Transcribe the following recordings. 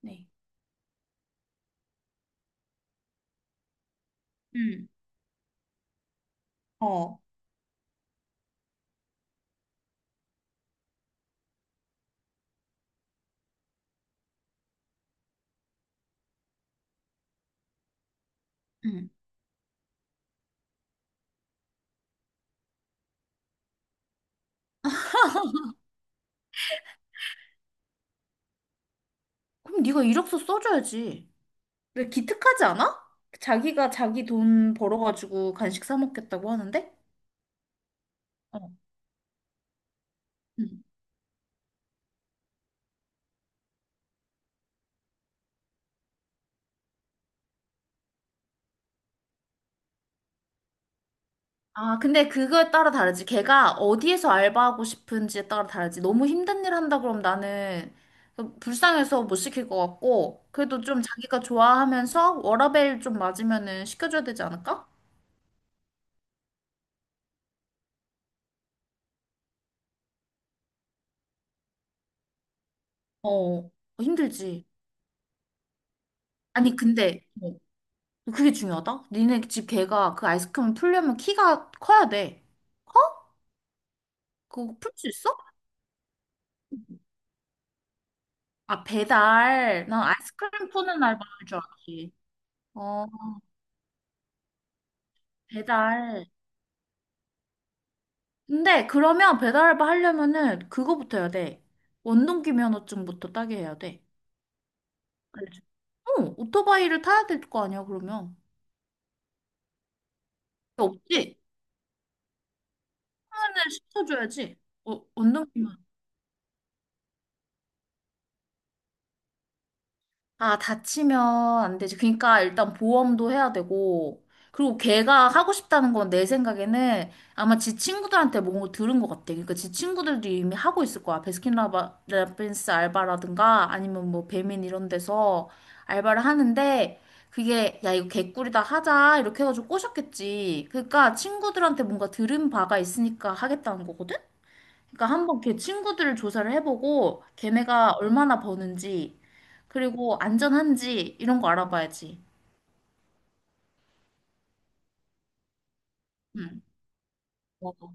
네. 응, 어. 응. 그럼 네가 이력서 써줘야지. 왜 기특하지 않아? 자기가 자기 돈 벌어가지고 간식 사 먹겠다고 하는데? 어, 응. 아, 근데 그거에 따라 다르지. 걔가 어디에서 알바하고 싶은지에 따라 다르지. 너무 힘든 일 한다 그럼 나는 불쌍해서 못 시킬 것 같고, 그래도 좀 자기가 좋아하면서 워라밸 좀 맞으면은 시켜줘야 되지 않을까? 어, 힘들지. 아니, 근데, 그게 중요하다? 니네 집 개가 그 아이스크림 풀려면 키가 커야 돼. 커? 그거 풀 수 있어? 아, 배달. 난 아이스크림 푸는 알바 할 줄 알았지. 어, 배달. 근데 그러면 배달 알바 하려면은 그거부터 해야 돼. 원동기 면허증부터 따게 해야 돼. 알지? 어, 오토바이를 타야 될 거 아니야, 그러면. 없지? 그러면은 시켜줘야지. 어, 원동기. 아, 다치면 안 되지. 그러니까 일단 보험도 해야 되고, 그리고 걔가 하고 싶다는 건 내 생각에는 아마 지 친구들한테 뭔가 들은 것 같아. 그러니까 지 친구들도 이미 하고 있을 거야. 베스킨라빈스 알바라든가 아니면 뭐 배민 이런 데서 알바를 하는데 그게 야, 이거 개꿀이다 하자. 이렇게 해가지고 꼬셨겠지. 그러니까 친구들한테 뭔가 들은 바가 있으니까 하겠다는 거거든? 그러니까 한번 걔 친구들을 조사를 해보고 걔네가 얼마나 버는지 그리고 안전한지 이런 거 알아봐야지. 응, 맞아.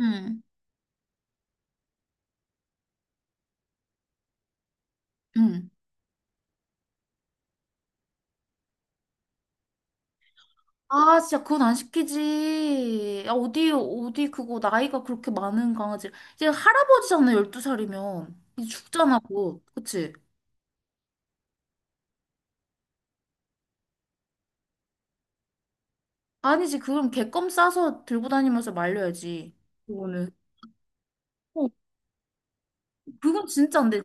응, 응. 아, 진짜 그건 안 시키지. 야, 어디, 어디 그거 나이가 그렇게 많은 강아지. 얘 할아버지잖아, 12살이면. 이 죽잖아, 그거 그치? 아니지, 그럼 개껌 싸서 들고 다니면서 말려야지. 그거는. 어, 그건 진짜 안 돼.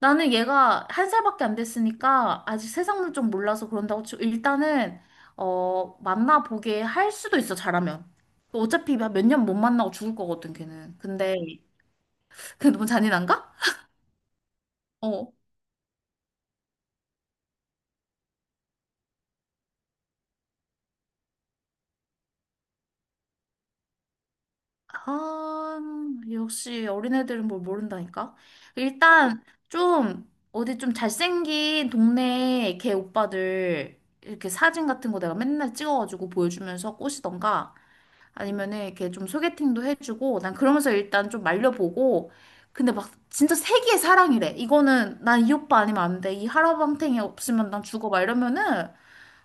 나는 얘가 한 살밖에 안 됐으니까 아직 세상을 좀 몰라서 그런다고 치고 일단은 만나보게 할 수도 있어. 잘하면 어차피 몇 년 못 만나고 죽을 거거든 걔는. 근데 그게 너무 잔인한가? 어, 아, 역시 어린애들은 뭘 모른다니까. 일단 좀 어디 좀 잘생긴 동네 걔 오빠들 이렇게 사진 같은 거 내가 맨날 찍어가지고 보여주면서 꼬시던가 아니면은 이렇게 좀 소개팅도 해주고 난 그러면서 일단 좀 말려보고. 근데 막 진짜 세기의 사랑이래. 이거는 난 이 오빠 아니면 안 돼, 이 하라방탱이 없으면 난 죽어, 막 이러면은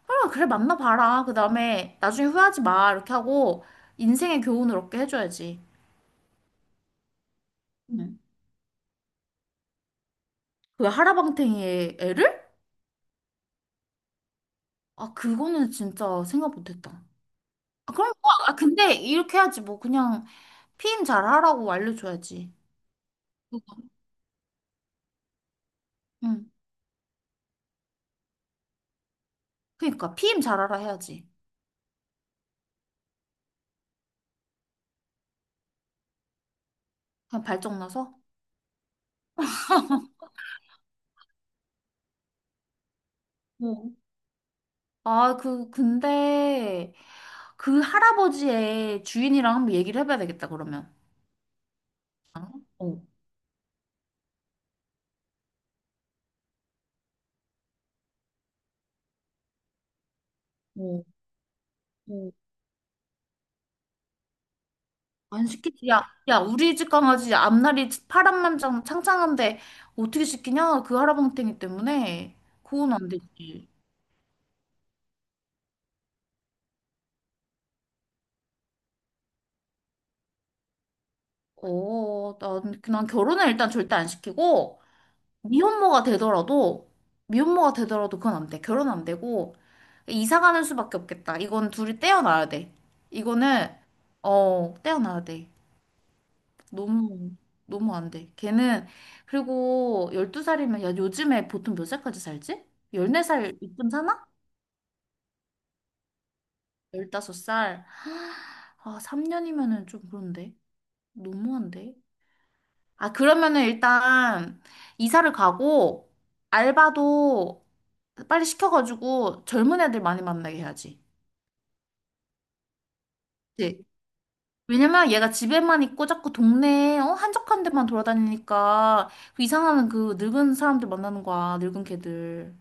아 그래 만나봐라, 그 다음에 나중에 후회하지 마, 이렇게 하고 인생의 교훈을 얻게 해줘야지. 응. 그 하라방탱이의 애를? 아, 그거는 진짜 생각 못했다. 아, 그럼 뭐, 아 근데 이렇게 해야지 뭐. 그냥 피임 잘하라고 알려줘야지. 응. 그니까 피임 잘하라 해야지. 그냥 발정 나서. 아, 근데 그 할아버지의 주인이랑 한번 얘기를 해봐야 되겠다, 그러면. 어, 어, 어. 안 시키지. 야, 야, 우리 집 강아지 앞날이 파란만장 창창한데 어떻게 시키냐? 그 할아버지 때문에. 그건 안 되지. 어, 난 결혼은 일단 절대 안 시키고, 미혼모가 되더라도, 미혼모가 되더라도 그건 안 돼. 결혼 안 되고, 이사 가는 수밖에 없겠다. 이건 둘이 떼어놔야 돼. 이거는, 어, 떼어놔야 돼. 너무 너무 안 돼. 걔는 그리고 12살이면. 야, 요즘에 보통 몇 살까지 살지? 14살 이쯤 사나? 15살. 아, 3년이면은 좀 그런데. 너무한데. 아, 그러면은 일단 이사를 가고 알바도 빨리 시켜가지고 젊은 애들 많이 만나게 해야지. 그치? 왜냐면 얘가 집에만 있고 자꾸 동네에 어? 한적한 데만 돌아다니니까 그 이상한 그 늙은 사람들 만나는 거야. 늙은 걔들.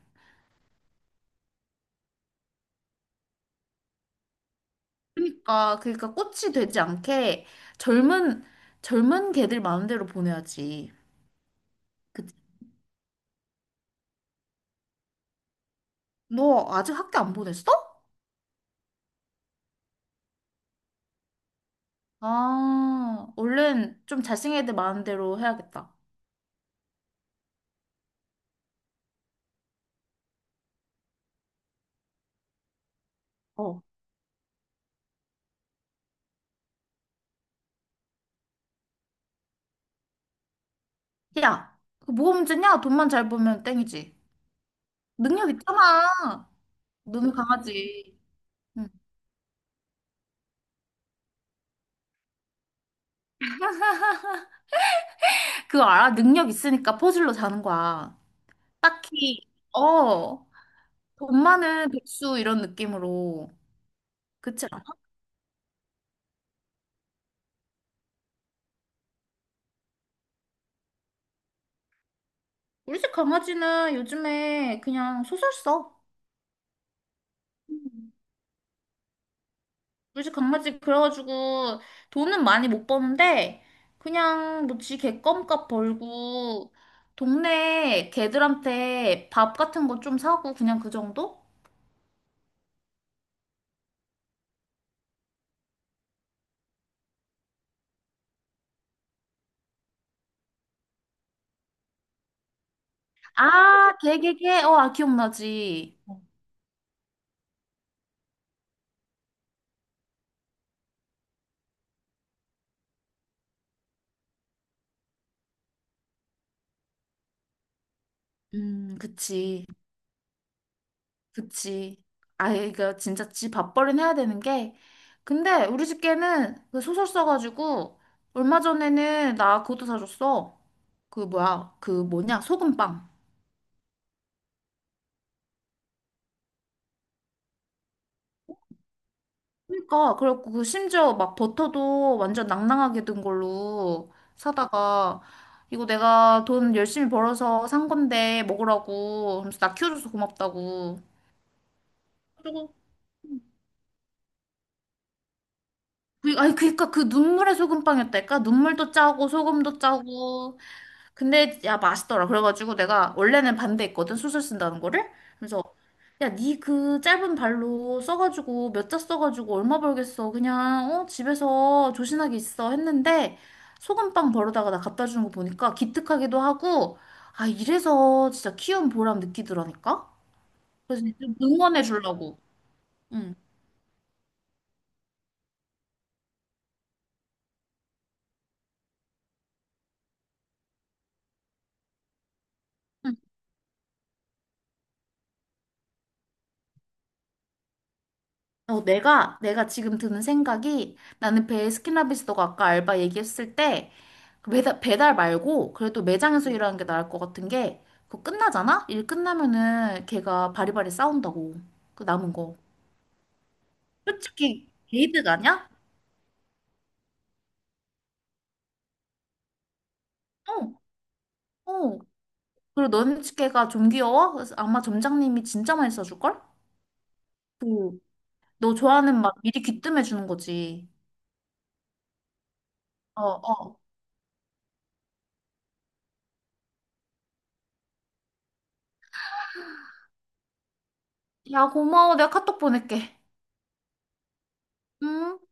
아, 그러니까 꽃이 되지 않게 젊은 젊은 개들 마음대로 보내야지. 그치? 너 아직 학교 안 보냈어? 아, 얼른 좀 잘생긴 애들 마음대로 해야겠다. 어. 야, 그 뭐가 문제냐? 돈만 잘 벌면 땡이지. 능력 있잖아. 너는 강하지. 응. 그거 알아? 능력 있으니까 퍼즐로 자는 거야. 딱히, 어, 돈 많은 백수 이런 느낌으로. 그치 않아? 우리 집 강아지는 요즘에 그냥 소설 써. 요새 강아지 그래가지고 돈은 많이 못 버는데 그냥 뭐지, 개껌값 벌고 동네 개들한테 밥 같은 거 좀 사고 그냥 그 정도? 아, 개개개. 어, 아, 기억나지. 그치. 그치. 아, 이거 진짜 지 밥벌이는 해야 되는 게. 근데 우리 집 개는 그 소설 써가지고 얼마 전에는 나 그것도 사줬어. 그 뭐야? 그 뭐냐? 소금빵. 그러니까 그래갖고 그 심지어 막 버터도 완전 낭낭하게 든 걸로 사다가 이거 내가 돈 열심히 벌어서 산 건데 먹으라고 하면서 나 키워줘서 고맙다고. 그리고 아니 그니까 그 눈물의 소금빵이었다니까. 눈물도 짜고 소금도 짜고. 근데 야 맛있더라. 그래가지고 내가 원래는 반대했거든, 수술 쓴다는 거를. 그래서 야, 니 그 짧은 발로 써가지고 몇 자 써가지고 얼마 벌겠어. 그냥 집에서 조신하게 있어 했는데 소금빵 벌어다가 나 갖다 주는 거 보니까 기특하기도 하고 아 이래서 진짜 키운 보람 느끼더라니까. 그래서 좀 응원해 주려고. 응. 어, 내가 지금 드는 생각이 나는 베스킨라빈스 너가 아까 알바 얘기했을 때 그 배달 말고 그래도 매장에서 일하는 게 나을 것 같은 게 그거 끝나잖아? 일 끝나면은 걔가 바리바리 싸운다고. 그 남은 거. 솔직히 게이득 아니야? 어, 어. 그리고 너는 걔가 좀 귀여워? 그래서 아마 점장님이 진짜 많이 써줄걸? 그, 너 좋아하는 맛 미리 귀뜸해 주는 거지. 어, 어. 야, 고마워. 내가 카톡 보낼게. 응?